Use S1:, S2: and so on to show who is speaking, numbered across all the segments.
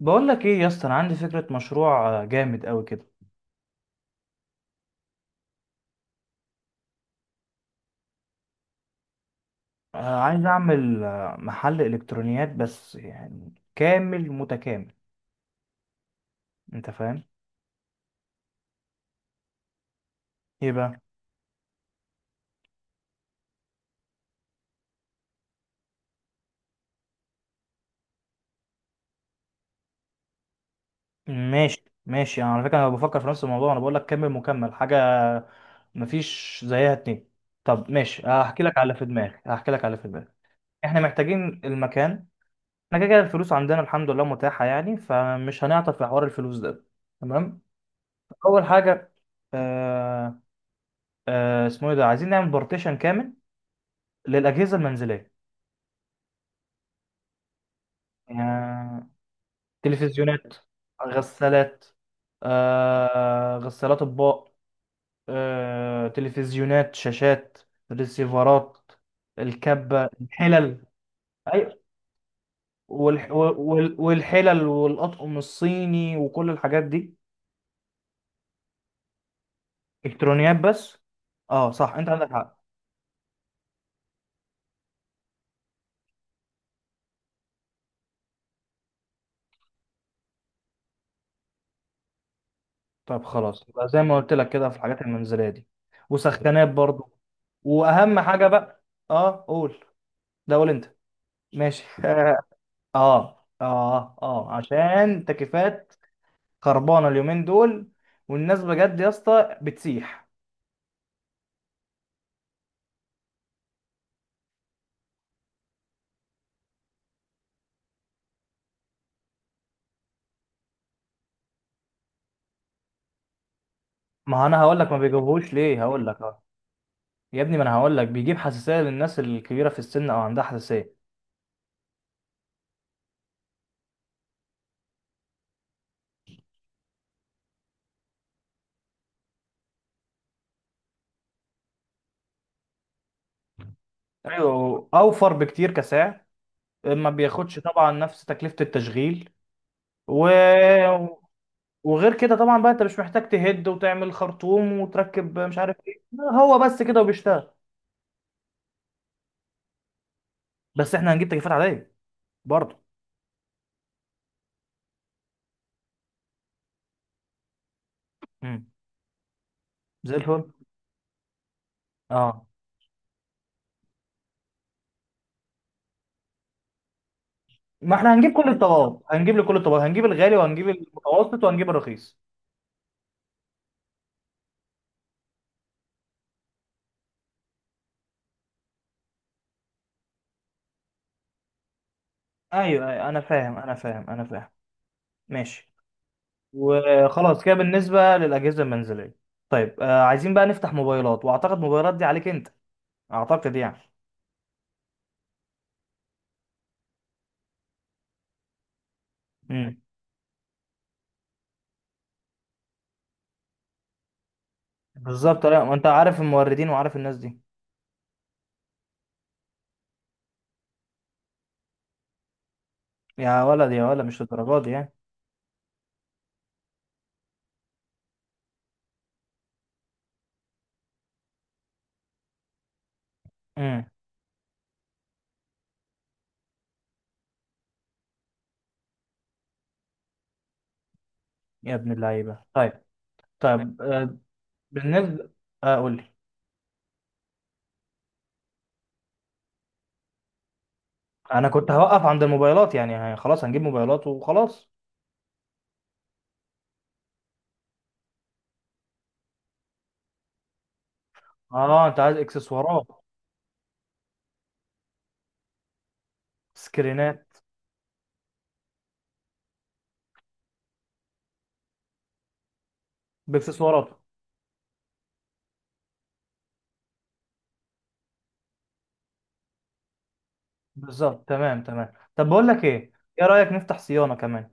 S1: بقول لك ايه يا اسطى، انا عندي فكره مشروع جامد قوي كده. عايز اعمل محل الكترونيات، بس يعني كامل متكامل. انت فاهم؟ ايه بقى؟ ماشي ماشي، انا على فكره انا بفكر في نفس الموضوع، انا بقول لك كامل مكمل حاجه. مفيش زيها اتنين. طب ماشي، هحكي لك على في دماغي هحكي لك على في دماغي. احنا محتاجين المكان. احنا كده كده الفلوس عندنا الحمد لله متاحه، يعني فمش هنعطل في حوار الفلوس ده. تمام. اول حاجه. آه، اسمه ايه ده، عايزين نعمل بارتيشن كامل للاجهزه المنزليه. آه، تلفزيونات. غسالات. غسالات اطباق. تلفزيونات، شاشات. ريسيفرات. الكبه، الحلل. ايوه. والحلل والاطقم الصيني وكل الحاجات دي. الكترونيات بس. اه، صح انت عندك حق. طيب خلاص، يبقى زي ما قلت لك كده في الحاجات المنزليه دي. وسخانات برضو. واهم حاجه بقى. اه، قول. ده قول انت. ماشي. اه اه اه، عشان تكييفات خربانه اليومين دول، والناس بجد يا اسطى بتسيح. ما انا هقول لك ما بيجيبوهوش ليه، هقول لك اه. يا ابني، ما انا هقول لك بيجيب حساسيه للناس الكبيره في السن او عندها حساسيه. ايوه، اوفر بكتير كسعر. ما بياخدش طبعا نفس تكلفه التشغيل. و... وغير كده طبعا بقى انت مش محتاج تهد وتعمل خرطوم وتركب مش عارف ايه. هو بس كده وبيشتغل. بس احنا هنجيب تكييفات عاديه برضه. زي الفل. اه، ما احنا هنجيب كل الطبقات، هنجيب لكل الطبقات، هنجيب الغالي وهنجيب المتوسط وهنجيب الرخيص. ايوه ايوه، انا فاهم انا فاهم انا فاهم. ماشي. وخلاص كده بالنسبه للاجهزه المنزليه. طيب، عايزين بقى نفتح موبايلات، واعتقد موبايلات دي عليك انت. اعتقد يعني. امم. بالظبط، لا ما انت عارف الموردين وعارف الناس دي. يا ولد يا ولد، مش للدرجه دي يعني. امم. يا ابن اللعيبه، طيب. طيب، آه. بالنسبه. قول لي. انا كنت هوقف عند الموبايلات يعني، خلاص هنجيب موبايلات وخلاص. اه، انت عايز اكسسوارات. سكرينات. باكسسوارات. بالظبط، تمام تمام، طب بقول لك ايه. ايه رايك نفتح صيانه كمان؟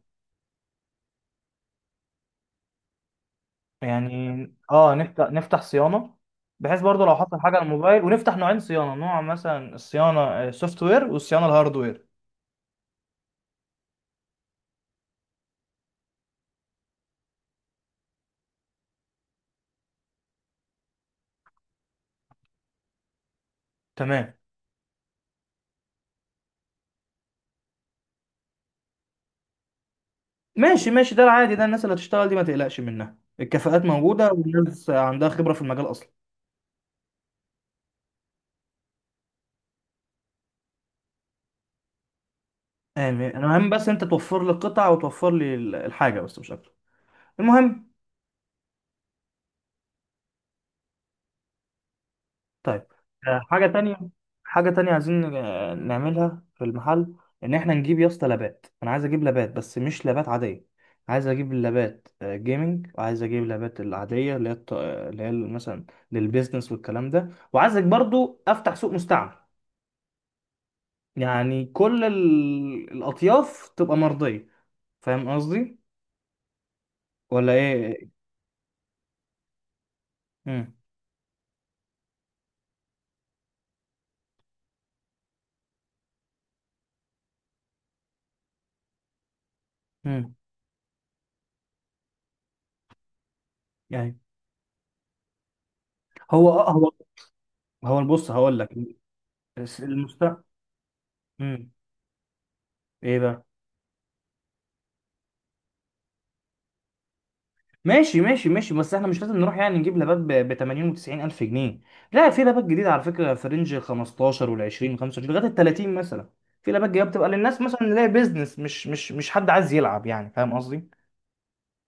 S1: يعني اه، نفتح صيانه. بحيث برضو لو حصل حاجه على الموبايل، ونفتح نوعين صيانه، نوع مثلا الصيانه السوفت وير والصيانه الهاردوير. تمام. ماشي ماشي، ده العادي ده، الناس اللي هتشتغل دي ما تقلقش منها، الكفاءات موجوده والناس عندها خبره في المجال اصلا. آمين. انا المهم بس انت توفر لي القطع وتوفر لي الحاجه، بس مش اكتر. المهم. طيب، حاجة تانية. حاجة تانية عايزين نعملها في المحل. إن إحنا نجيب يا اسطى لابات، أنا عايز أجيب لابات بس مش لابات عادية. عايز أجيب اللابات جيمنج، وعايز أجيب اللابات العادية اللي هي اللي هي مثلا للبيزنس والكلام ده، وعايزك برضو أفتح سوق مستعمل. يعني كل الأطياف تبقى مرضية. فاهم قصدي ولا إيه؟ مم. مم. يعني هو هو بص هقول لك. المستعمل. إيه بقى؟ ماشي ماشي ماشي، بس احنا مش لازم نروح يعني نجيب لابات ب 80 و90 الف جنيه. لا، في لابات جديده على فكره في رينج 15 وال 20 25 لغايه ال 30 مثلا. في لابات جديده بتبقى للناس مثلا اللي هي بيزنس، مش حد عايز يلعب يعني، فاهم قصدي.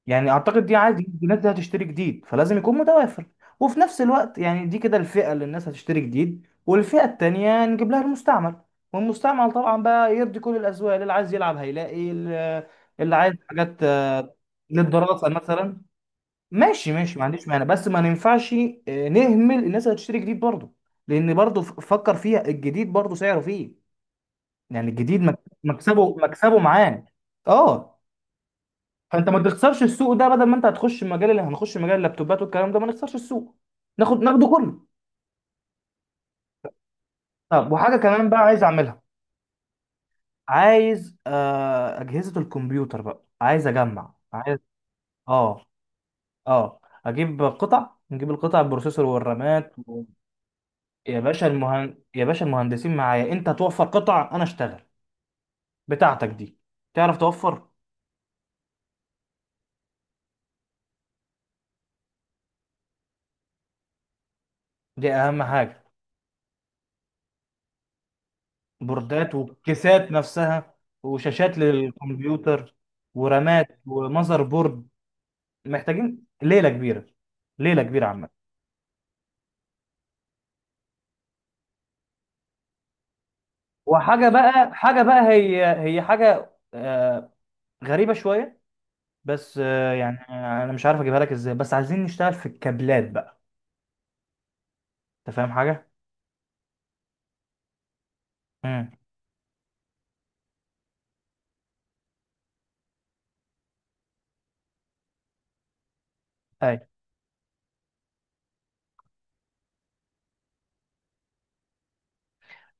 S1: يعني اعتقد دي عادي، الناس دي هتشتري جديد فلازم يكون متوافر. وفي نفس الوقت يعني دي كده الفئه اللي الناس هتشتري جديد، والفئه التانيه نجيب لها المستعمل. والمستعمل طبعا بقى يرضي كل الاذواق، اللي عايز يلعب هيلاقي، اللي اللي عايز حاجات للدراسه مثلا. ماشي ماشي، ما عنديش مانع، بس ما ننفعش نهمل الناس اللي هتشتري جديد برضه. لان برضه، فكر فيها، الجديد برضه سعره فيه. يعني الجديد مكسبه معاه. اه، فانت ما تخسرش السوق ده، بدل ما انت هتخش مجال، اللي هنخش مجال اللابتوبات والكلام ده ما نخسرش السوق. ناخده كله. طب وحاجه كمان بقى عايز اعملها. عايز اجهزه الكمبيوتر، بقى عايز اجمع، عايز اه اه، اجيب قطع، نجيب القطع البروسيسور والرامات. يا باشا المهندسين معايا، انت توفر قطع انا اشتغل. بتاعتك دي. تعرف توفر. دي اهم حاجة. بوردات وكيسات نفسها. وشاشات للكمبيوتر. ورامات ومذر بورد. محتاجين ليلة كبيرة. ليلة كبيرة عامة. وحاجة بقى هي حاجة غريبة شوية. بس يعني انا مش عارف اجيبها لك ازاي، بس عايزين نشتغل في الكابلات بقى. انت فاهم حاجة؟ امم.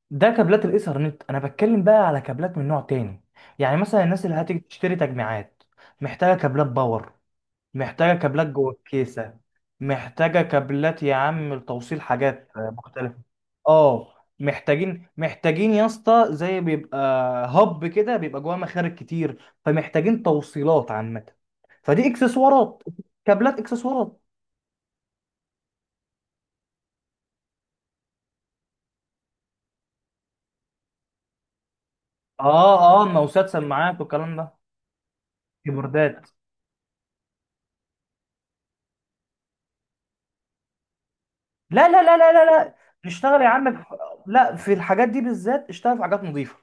S1: ده كابلات الايثرنت، انا بتكلم بقى على كابلات من نوع تاني. يعني مثلا الناس اللي هتيجي تشتري تجميعات محتاجه كابلات باور، محتاجه كابلات جوه الكيسه، محتاجه كابلات يا عم لتوصيل حاجات مختلفه. اه. محتاجين يا اسطى، زي بيبقى هب كده بيبقى جواه مخارج كتير، فمحتاجين توصيلات عامه. فدي اكسسوارات. كابلات اكسسوارات. اه اه، ماوسات سماعات والكلام ده. كيبوردات. لا لا لا لا لا لا. اشتغل يا عم في- لا، في الحاجات دي بالذات اشتغل في حاجات نظيفه.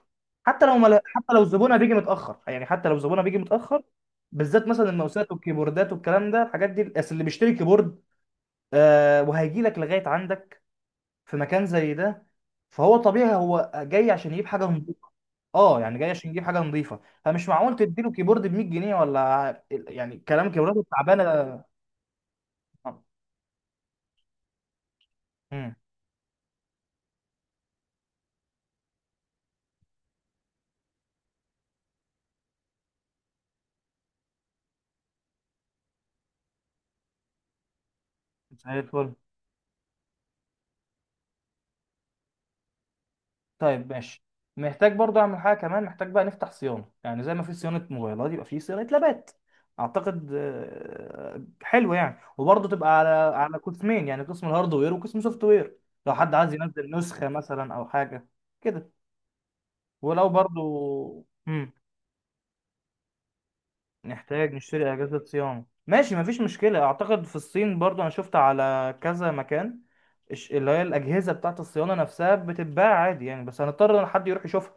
S1: حتى لو زبونها بيجي متاخر، يعني حتى لو زبونها بيجي متاخر. بالذات مثلا الماوسات والكيبوردات والكلام ده، الحاجات دي اصل اللي بيشتري كيبورد وهيجي لك لغايه عندك في مكان زي ده، فهو طبيعي هو جاي عشان يجيب حاجه نظيفه. اه، يعني جاي عشان يجيب حاجه نظيفه، فمش معقول تديله كيبورد ب 100 جنيه ولا يعني كلام كيبوردات تعبانه مم. زي الفل. طيب ماشي. محتاج برضه اعمل حاجه كمان، محتاج بقى نفتح صيانه، يعني زي ما في صيانه موبايلات يبقى في صيانه لابات. اعتقد حلو يعني، وبرضه تبقى على قسمين، يعني قسم الهاردوير وقسم سوفت وير. لو حد عايز ينزل نسخه مثلا او حاجه كده. ولو برضه مم. نحتاج نشتري اجهزه صيانه، ماشي مفيش مشكله، اعتقد في الصين برضه انا شفت على كذا مكان. اللي هي الاجهزه بتاعت الصيانه نفسها بتتباع عادي يعني، بس هنضطر ان حد يروح يشوفها.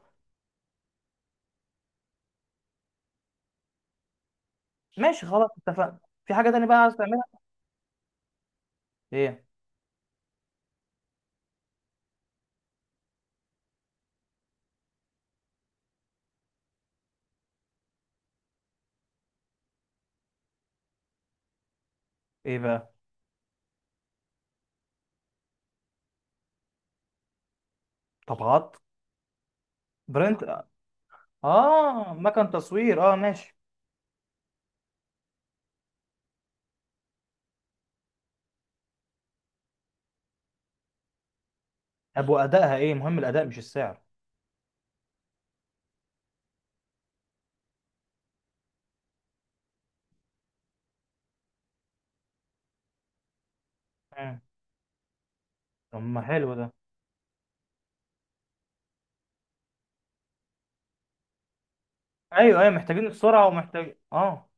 S1: ماشي خلاص اتفقنا. في حاجة تانية بقى عايز تعملها؟ ايه؟ ايه بقى؟ طبعات. برنت. اه، مكان تصوير، اه ماشي. طب وادائها ايه، مهم الاداء مش السعر. مم. طب ما حلو ده. ايوه ايوه، محتاجين السرعة ومحتاج اه.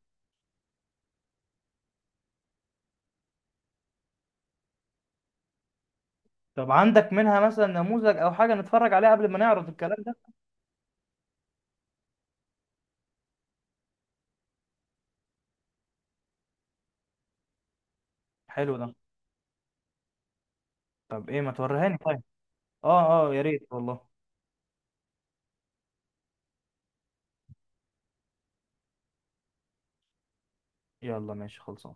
S1: طب عندك منها مثلا نموذج او حاجة نتفرج عليها قبل ما نعرض الكلام ده؟ حلو ده. طب ايه، ما توريهاني طيب. اه اه، يا ريت والله. يلا ماشي خلصان.